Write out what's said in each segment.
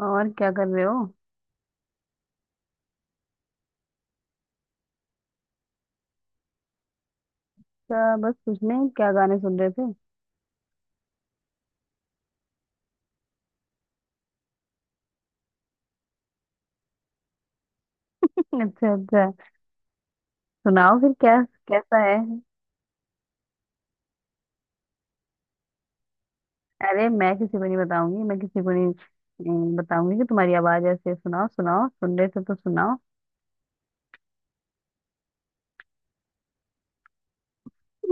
और क्या कर रहे हो? क्या, बस कुछ नहीं, क्या गाने सुन रहे थे? अच्छा अच्छा। सुनाओ फिर, क्या कैसा है? अरे, मैं किसी को नहीं बताऊंगी, मैं किसी को नहीं बताऊंगी कि तुम्हारी आवाज ऐसे है। सुनाओ सुनाओ, सुन रहे थे तो सुनाओ।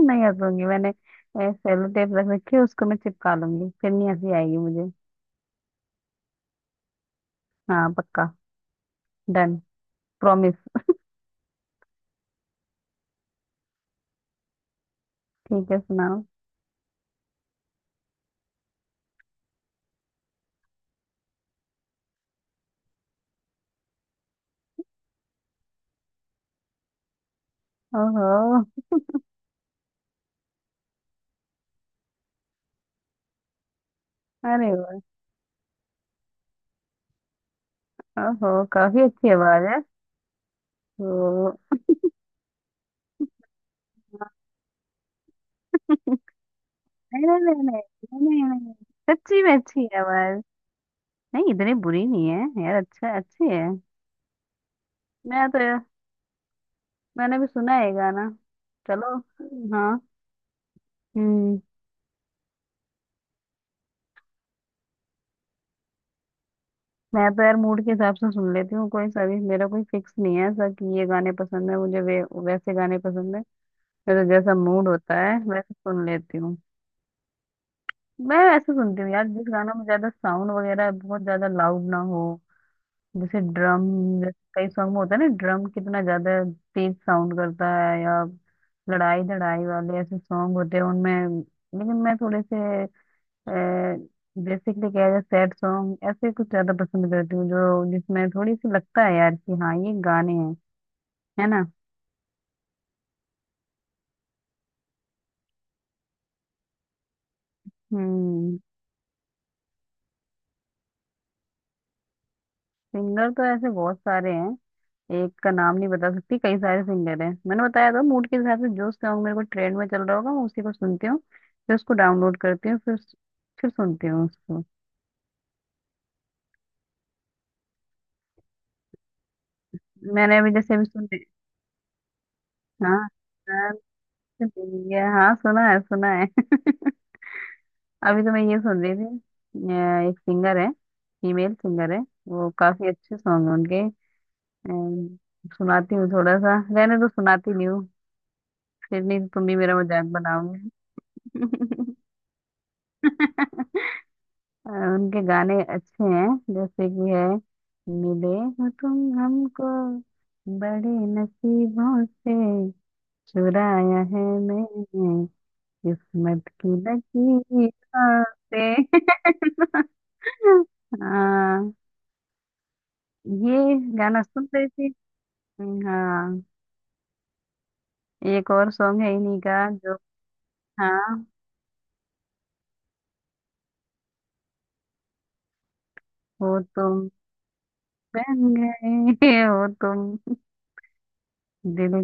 नहीं हंसूंगी मैंने। सेलो टेप रख रखी है उसको, मैं चिपका लूंगी, फिर नहीं हंसी आएगी मुझे। हाँ पक्का। डन। प्रॉमिस। ठीक है, सुनाओ। ओहो। अरे वाह। ओहो, काफी अच्छी आवाज है। तो नहीं नहीं नहीं नहीं नहीं नहीं, नहीं, सच्ची में अच्छी आवाज, नहीं इतनी बुरी नहीं है यार, अच्छा अच्छी है। मैं तो यार, मैंने भी सुना है ये गाना। चलो। हाँ। हम्म। मैं तो यार मूड के हिसाब से सुन लेती हूँ, कोई सभी मेरा कोई फिक्स नहीं है ऐसा कि ये गाने पसंद है मुझे वे वैसे गाने पसंद है। मेरा जैसा मूड होता है वैसे सुन लेती हूँ। मैं ऐसे सुनती हूँ यार, जिस गाना में ज्यादा साउंड वगैरह बहुत ज्यादा लाउड ना हो। जैसे ड्रम, जैसे कई सॉन्ग में होता है ना, ड्रम कितना ज्यादा तेज साउंड करता है, या लड़ाई लड़ाई वाले ऐसे सॉन्ग होते हैं उनमें। लेकिन मैं थोड़े से, बेसिकली क्या है, सैड सॉन्ग ऐसे कुछ ज्यादा पसंद करती हूँ जो जिसमें थोड़ी सी लगता है यार कि हाँ ये गाने हैं। है ना। हम्म। सिंगर तो ऐसे बहुत सारे हैं, एक का नाम नहीं बता सकती, कई सारे सिंगर हैं। मैंने बताया था, मूड के हिसाब से जो सॉन्ग मेरे को ट्रेंड में चल रहा होगा मैं उसी को सुनती हूँ, फिर उसको डाउनलोड करती हूँ, फिर सुनती हूँ उसको। मैंने अभी जैसे अभी सुने। हाँ हाँ। सुनी है, हाँ, सुना है सुना है। अभी तो मैं ये सुन रही थी। एक सिंगर है, फीमेल सिंगर है, वो काफी अच्छे सॉन्ग है उनके। अम, सुनाती हूँ थोड़ा सा, रहने तो सुनाती नहीं हूँ, फिर नहीं तो तुम भी मेरा मजाक बनाओगे। उनके गाने अच्छे हैं, जैसे कि है, मिले हो तुम हमको बड़े नसीबों से, चुराया है मैंने किस्मत की लकीरों से। हाँ ये गाना सुन रही थी। हाँ, एक और सॉन्ग है इन्हीं का जो, हाँ, हो तुम बन गए हो तुम दिल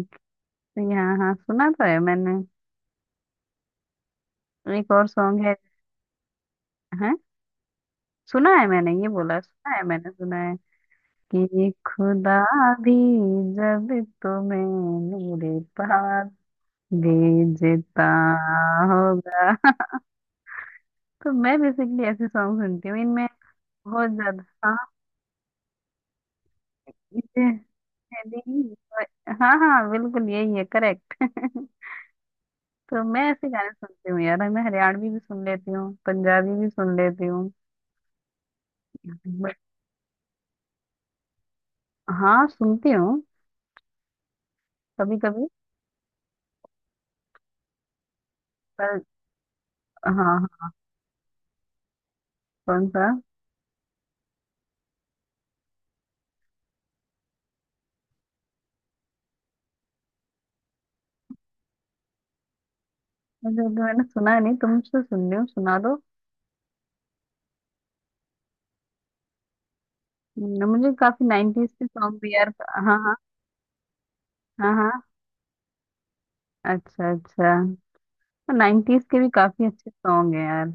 की- हाँ हाँ सुना तो है मैंने। एक और सॉन्ग है, सुना है मैंने, ये बोला सुना है मैंने, सुना है कि खुदा भी जब तुम्हें मेरे पास भेजता होगा। तो मैं बेसिकली ऐसे सॉन्ग सुनती हूँ, इनमें बहुत ज्यादा, हाँ इसे मेरी- हाँ हाँ बिल्कुल यही है, करेक्ट। तो मैं ऐसे गाने सुनती हूँ यार, मैं हरियाणवी भी सुन लेती हूँ, पंजाबी भी सुन लेती हूँ। बट हाँ सुनती हूँ, कभी कभी, पर हाँ हाँ, कौन सा मुझे तो, मैंने सुना नहीं, तुमसे सुन रही हूँ, सुना दो न। मुझे काफी नाइनटीज के सॉन्ग भी यार, हाँ हाँ, हाँ हाँ, अच्छा अच्छा। नाइनटीज के भी काफी अच्छे सॉन्ग हैं यार,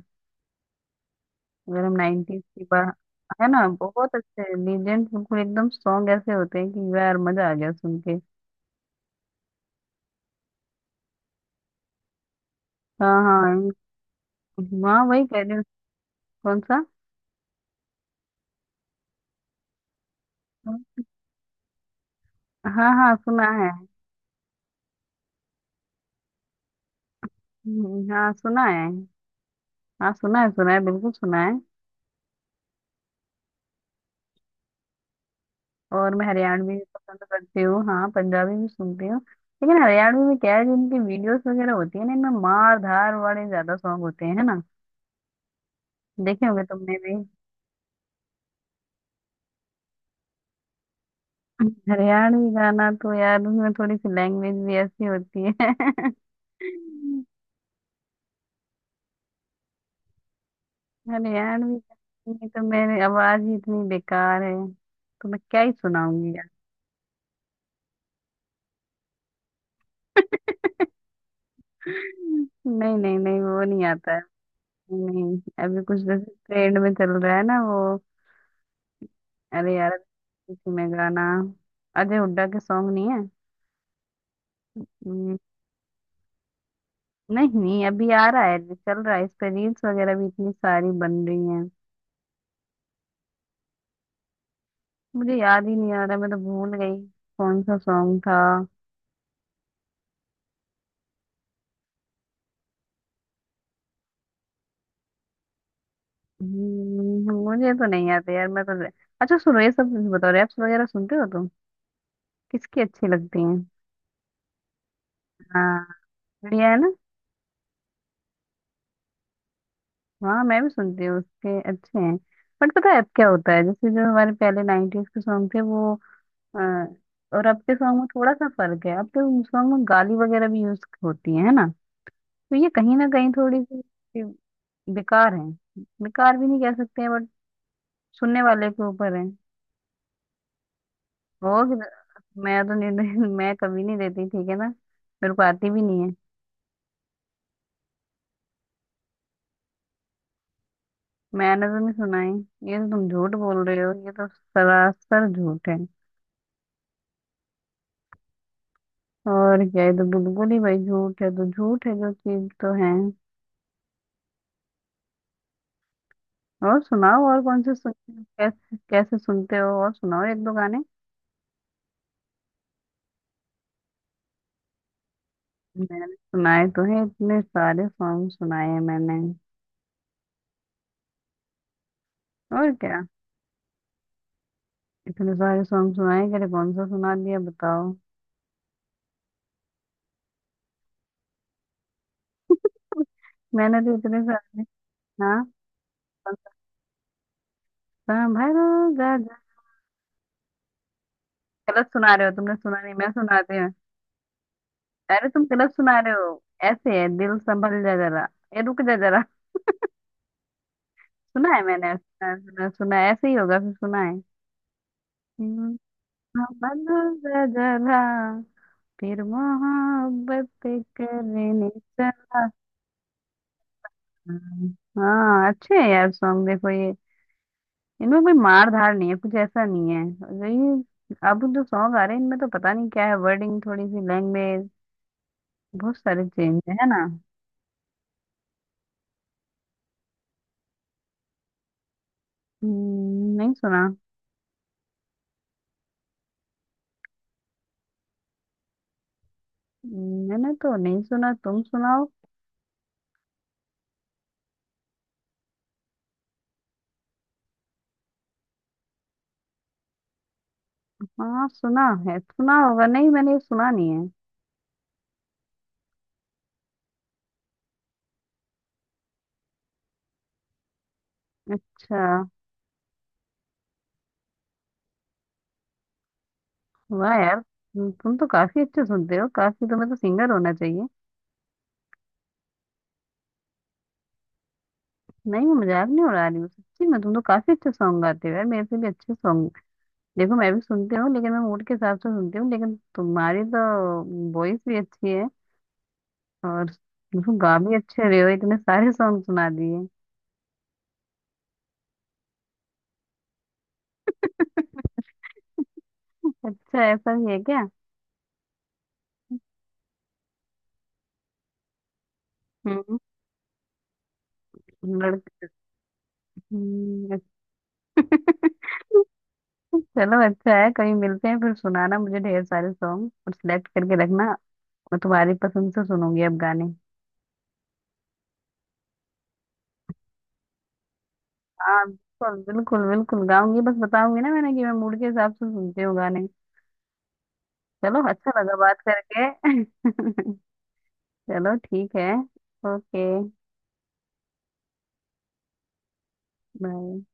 अगर हम नाइनटीज की बात, है ना, बहुत अच्छे लीजेंड, बिल्कुल एकदम सॉन्ग ऐसे होते हैं कि यार मजा आ गया सुन के। हाँ हाँ। इन- हाँ वही कह रही हूँ। कौन सा? हाँ हाँ सुना है। हाँ सुना है, हाँ सुना है बिल्कुल सुना है। और मैं हरियाणवी भी पसंद करती हूँ, हाँ पंजाबी भी सुनती हूँ। लेकिन हरियाणवी में क्या है, जिनकी वीडियोस वगैरह होती है ना, इनमें मार धार वाले ज्यादा सॉन्ग होते हैं। है ना, देखे होंगे तुमने भी। हरियाणवी गाना तो यार, उसमें थोड़ी सी लैंग्वेज भी ऐसी होती है। हरियाणवी गाने में तो मेरी आवाज ही इतनी बेकार है, तो मैं क्या ही सुनाऊंगी यार। नहीं नहीं नहीं, वो नहीं आता है। नहीं, अभी कुछ जैसे ट्रेंड में चल रहा है ना वो। अरे यार, किसी में गाना, अजय हुड्डा के सॉन्ग नहीं है? हम्म, नहीं नहीं, अभी आ रहा है, चल रहा है, इस पे रील्स वगैरह भी इतनी सारी बन रही हैं। मुझे याद ही नहीं आ रहा, मैं तो भूल गई कौन सा सॉन्ग था। मुझे तो नहीं आता यार, मैं तो अच्छा सुनो, ये सब बताओ, रैप्स वगैरह सुनते हो तुम? किसकी अच्छी लगती हैं? हाँ बढ़िया है ना। हाँ मैं भी सुनती हूँ, उसके अच्छे हैं। बट पता है अब क्या होता है, जैसे जो हमारे पहले नाइनटीज के सॉन्ग थे वो, हाँ, और अब के सॉन्ग में थोड़ा सा फर्क है, अब के सॉन्ग में गाली वगैरह भी यूज होती है ना। तो ये कहीं ना कहीं थोड़ी सी सी बेकार है। बेकार भी नहीं कह सकते हैं बट, सुनने वाले के ऊपर है। वो कि- मैं तो नहीं नहीं- मैं कभी नहीं देती, ठीक है ना। मेरे को आती भी नहीं है। मैंने तो नहीं सुना है, ये तो तुम झूठ बोल रहे हो, ये तो सरासर झूठ है। और क्या, ये तो बिल्कुल ही भाई झूठ है, तो झूठ है जो चीज तो है। और सुनाओ और, कौन से सुन, कैसे कैसे सुनते हो, और सुनाओ एक दो गाने। मैंने सुनाए तो हैं, इतने सारे सॉन्ग सुनाए हैं मैंने। और क्या, इतने सारे सॉन्ग सुनाए कि, अरे कौन सा सुना दिया बताओ। मैंने तो इतने सारे। हाँ, संभरो गाजा, गलत सुना रहे हो, तुमने सुना नहीं, मैं सुनाती हूँ। अरे तुम गलत सुना रहे हो, ऐसे है, दिल संभल जा जरा, ये रुक जा जरा। सुना है मैंने, सुना सुना सुना है, ऐसे ही होगा फिर, सुना है। दिल संभल जा जरा, फिर मोहब्बत करने चला था। हाँ अच्छे है यार सॉन्ग, देखो ये, इनमें कोई मार धार नहीं है, कुछ ऐसा नहीं है। जो ये अब जो सॉन्ग आ रहे हैं इनमें तो पता नहीं क्या है, वर्डिंग थोड़ी सी लैंग्वेज बहुत सारे चेंज है ना। नहीं सुना। मैंने तो नहीं सुना, तुम सुनाओ। हाँ सुना है, सुना होगा, नहीं मैंने ये सुना नहीं है। अच्छा। वाह यार, तुम तो काफी अच्छे सुनते हो, काफी, तुम्हें तो सिंगर होना चाहिए। नहीं मैं मजाक नहीं उड़ा रही हूँ, सच्ची में तुम तो काफी अच्छे सॉन्ग गाते हो यार, मेरे से भी अच्छे सॉन्ग। देखो मैं भी सुनती हूँ, लेकिन मैं मूड के हिसाब से सुनती हूँ, लेकिन तुम्हारी तो वॉइस भी अच्छी है, और तुम गा भी अच्छे रहे हो, इतने सारे सॉन्ग सुना दिए। अच्छा ऐसा भी है क्या? हम्म। लड़के? अच्छा। चलो अच्छा है, कहीं मिलते हैं फिर, सुनाना मुझे ढेर सारे सॉन्ग और सिलेक्ट करके रखना, और तुम्हारी पसंद से सुनूंगी अब गाने। हाँ बिल्कुल बिल्कुल बिल्कुल गाऊंगी, बस बताऊंगी ना मैंने कि मैं मूड के हिसाब से सुनती हूँ गाने। चलो अच्छा लगा बात करके। चलो ठीक है। ओके। बाय।